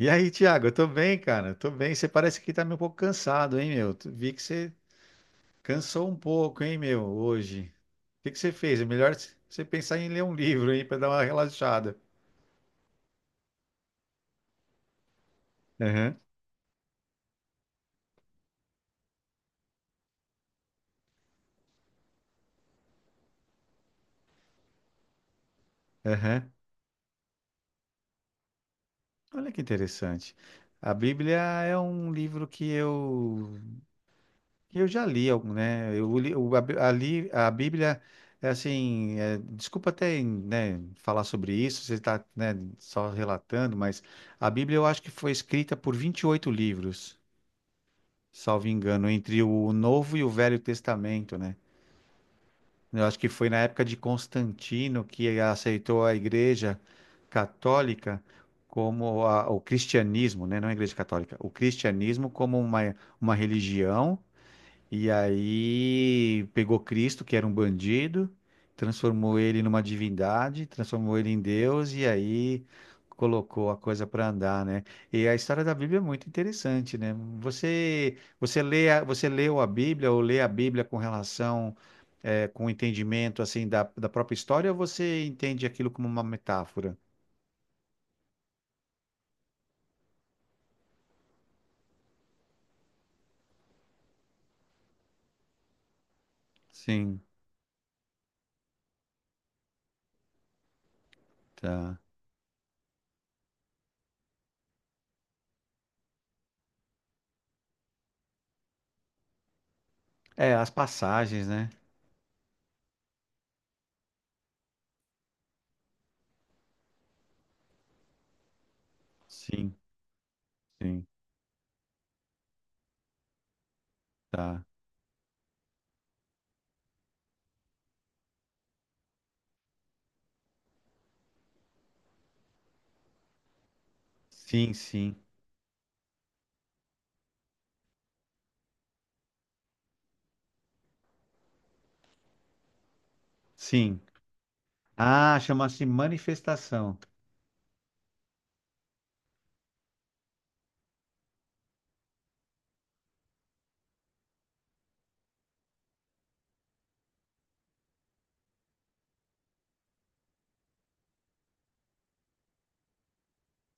E aí, Thiago, eu tô bem, cara. Tô bem. Você parece que tá meio um pouco cansado, hein, meu? Vi que você cansou um pouco, hein, meu, hoje. O que que você fez? É melhor você pensar em ler um livro, hein, pra dar uma relaxada. Aham, aham. Olha que interessante. A Bíblia é um livro que eu. Eu já li algum, né? Eu li, o- a, Bí- a li- a Bíblia, é assim, é, desculpa até, né, falar sobre isso, você está, né, só relatando, mas a Bíblia eu acho que foi escrita por 28 livros, salvo engano, entre o Novo e o Velho Testamento, né? Eu acho que foi na época de Constantino que aceitou a Igreja Católica como o cristianismo, né? Não a Igreja Católica, o cristianismo como uma religião, e aí pegou Cristo, que era um bandido, transformou ele numa divindade, transformou ele em Deus, e aí colocou a coisa para andar, né? E a história da Bíblia é muito interessante, né? Você você leu a Bíblia ou lê a Bíblia com relação com entendimento assim da própria história, ou você entende aquilo como uma metáfora? Sim, tá. É, as passagens, né? Sim, sim, tá. Sim, sim. Sim. Ah, chama-se manifestação.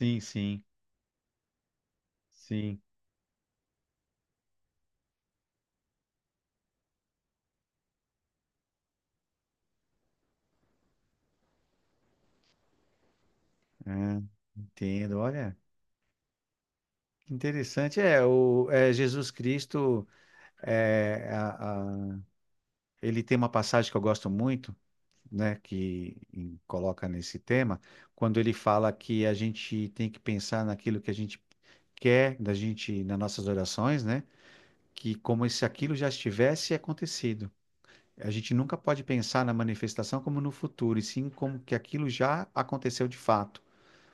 Sim, sim, sim. Ah, entendo. Olha, que interessante. É, Jesus Cristo, é, a- a- ele tem uma passagem que eu gosto muito, né, que coloca nesse tema, quando ele fala que a gente tem que pensar naquilo que a gente quer da gente nas nossas orações, né, que como se aquilo já estivesse acontecido. A gente nunca pode pensar na manifestação como no futuro, e sim como que aquilo já aconteceu de fato.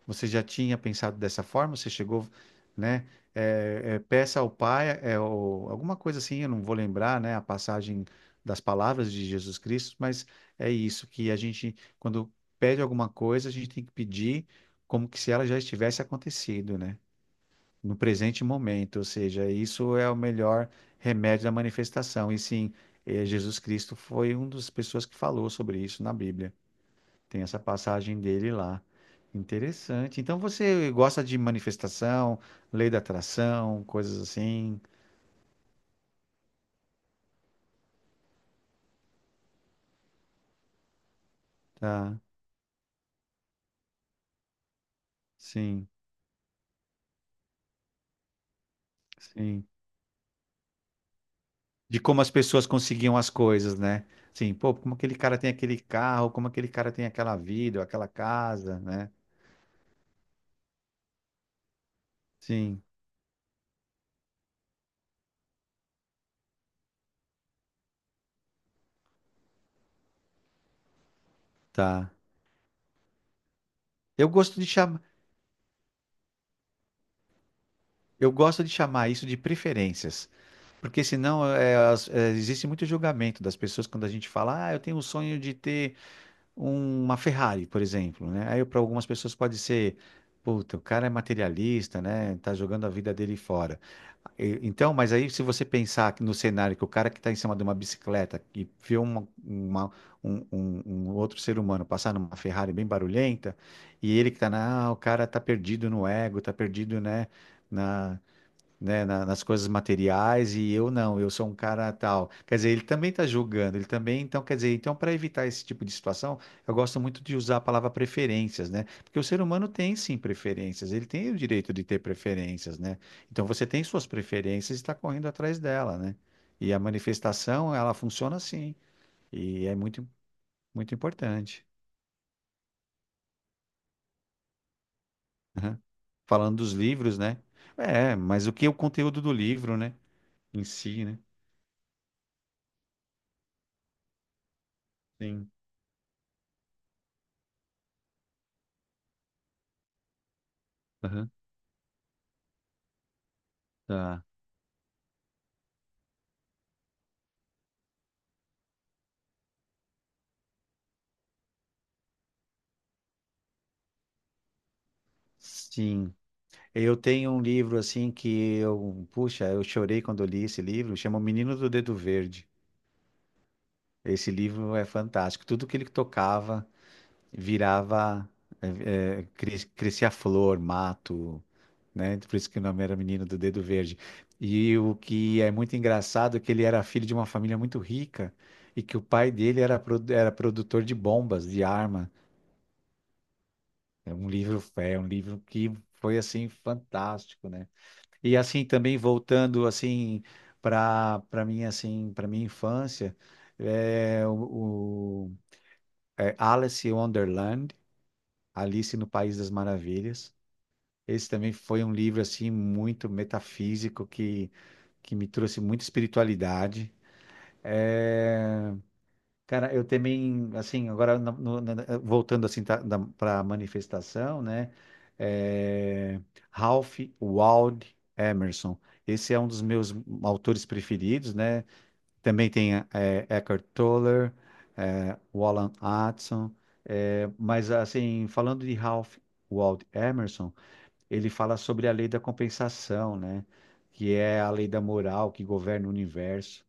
Você já tinha pensado dessa forma? Você chegou, né? É, é, peça ao Pai, alguma coisa assim, eu não vou lembrar, né? A passagem das palavras de Jesus Cristo, mas é isso que a gente, quando pede alguma coisa, a gente tem que pedir como que se ela já estivesse acontecido, né? No presente momento, ou seja, isso é o melhor remédio da manifestação. E sim, Jesus Cristo foi uma das pessoas que falou sobre isso na Bíblia. Tem essa passagem dele lá. Interessante. Então você gosta de manifestação, lei da atração, coisas assim, tá? Sim, sim. De como as pessoas conseguiam as coisas, né? Sim, pô, como aquele cara tem aquele carro, como aquele cara tem aquela vida, ou aquela casa, né? Sim, tá. Eu gosto de chamar, eu gosto de chamar isso de preferências, porque senão é, é, existe muito julgamento das pessoas quando a gente fala, ah, eu tenho o sonho de ter uma Ferrari, por exemplo, né? Aí para algumas pessoas pode ser, puta, o cara é materialista, né? Tá jogando a vida dele fora. Então, mas aí se você pensar que no cenário que o cara que está em cima de uma bicicleta e vê um outro ser humano passar numa Ferrari bem barulhenta, e ele que tá na, ah, o cara tá perdido no ego, tá perdido, né? Na, né, nas coisas materiais, e eu não, eu sou um cara tal. Quer dizer, ele também está julgando, ele também, então, quer dizer, então para evitar esse tipo de situação, eu gosto muito de usar a palavra preferências, né? Porque o ser humano tem sim preferências, ele tem o direito de ter preferências, né? Então você tem suas preferências e está correndo atrás dela, né? E a manifestação, ela funciona assim, e é muito importante. Aham. Falando dos livros, né? É, mas o que é o conteúdo do livro, né? Em si, né? Sim. Aham. Tá. Sim. Eu tenho um livro assim que eu, puxa, eu chorei quando eu li esse livro, chama O Menino do Dedo Verde. Esse livro é fantástico. Tudo que ele tocava virava, crescia flor, mato, né? Por isso que o nome era Menino do Dedo Verde. E o que é muito engraçado é que ele era filho de uma família muito rica, e que o pai dele era, era produtor de bombas, de arma. É um livro que foi assim fantástico, né? E assim também voltando assim para mim, assim, para minha infância é é Alice in Wonderland, Alice no País das Maravilhas. Esse também foi um livro assim muito metafísico que me trouxe muita espiritualidade. É, cara, eu também, assim, agora voltando assim para a manifestação, né? É, Ralph Waldo Emerson. Esse é um dos meus autores preferidos, né? Também tem é, Eckhart Tolle, é, Wallen Hudson. É, mas, assim, falando de Ralph Waldo Emerson, ele fala sobre a lei da compensação, né? Que é a lei da moral que governa o universo,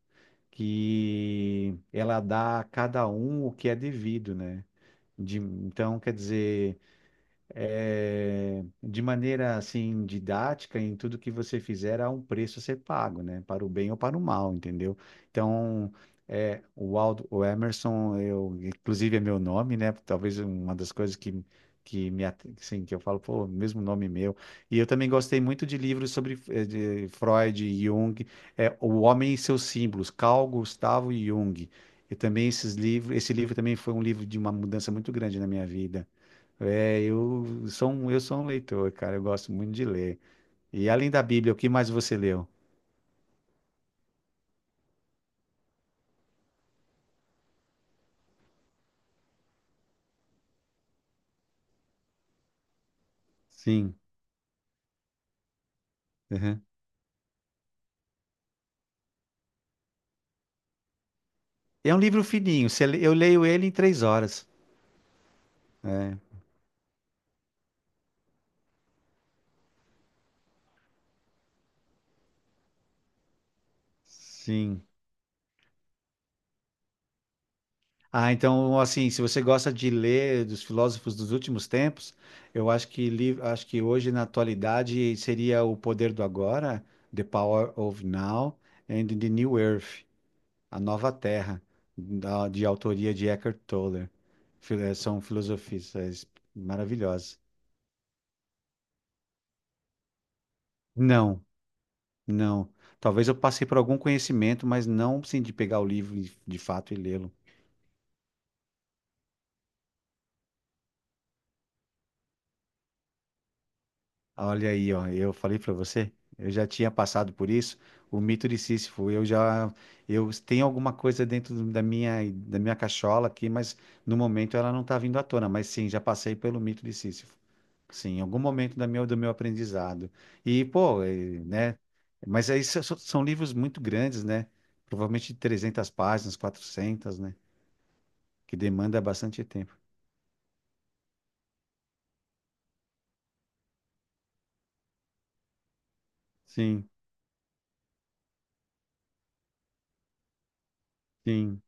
que ela dá a cada um o que é devido, né? Então, quer dizer, eh, de maneira assim didática em tudo que você fizer há um preço a ser pago, né? Para o bem ou para o mal, entendeu? Então, é, o Aldo, o Emerson, eu, inclusive é meu nome, né? Talvez uma das coisas que assim, que eu falo, pô, mesmo nome meu. E eu também gostei muito de livros sobre eh, de Freud, Jung, é, O Homem e seus Símbolos, Carl Gustavo Jung. E também esses livros, esse livro também foi um livro de uma mudança muito grande na minha vida, é, eu sou um leitor, cara. Eu gosto muito de ler. E além da Bíblia, o que mais você leu? Sim. Uhum. É um livro fininho. Eu leio ele em 3 horas. É, sim. Ah, então, assim, se você gosta de ler dos filósofos dos últimos tempos, eu acho que, li, acho que hoje, na atualidade, seria O Poder do Agora, The Power of Now, and The New Earth. A Nova Terra, de autoria de Eckhart Tolle. São filosofistas maravilhosos. Não, não. Talvez eu passei por algum conhecimento, mas não sim de pegar o livro de fato e lê-lo. Olha aí, ó, eu falei para você, eu já tinha passado por isso, o mito de Sísifo. Eu já, eu tenho alguma coisa dentro da minha cachola aqui, mas no momento ela não está vindo à tona. Mas sim, já passei pelo mito de Sísifo. Sim, em algum momento da minha, do meu aprendizado. E, pô, e, né? Mas aí são livros muito grandes, né? Provavelmente de 300 páginas, 400, né? Que demanda bastante tempo. Sim, sim,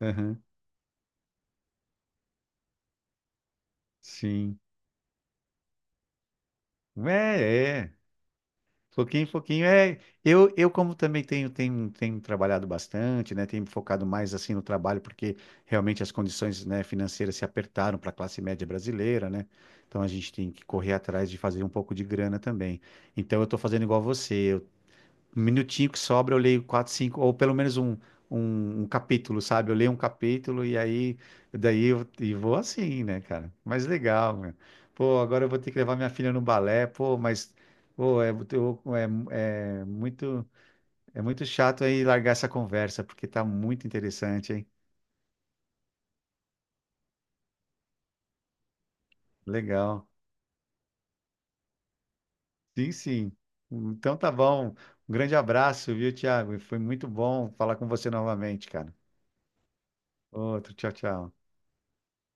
aham, sim. É, é. Pouquinho, pouquinho. É, eu como também tenho, trabalhado bastante, né? Tenho me focado mais assim no trabalho, porque realmente as condições, né, financeiras se apertaram para a classe média brasileira, né? Então a gente tem que correr atrás de fazer um pouco de grana também. Então eu estou fazendo igual você, um minutinho que sobra, eu leio quatro, cinco, ou pelo menos um capítulo, sabe? Eu leio um capítulo e aí daí eu, e vou assim, né, cara? Mas legal, meu. Pô, agora eu vou ter que levar minha filha no balé, pô, mas pô, é, é, é muito muito chato aí largar essa conversa, porque tá muito interessante, hein? Legal. Sim, sim. Então tá bom. Um grande abraço, viu, Thiago? Foi muito bom falar com você novamente, cara. Outro, tchau, tchau.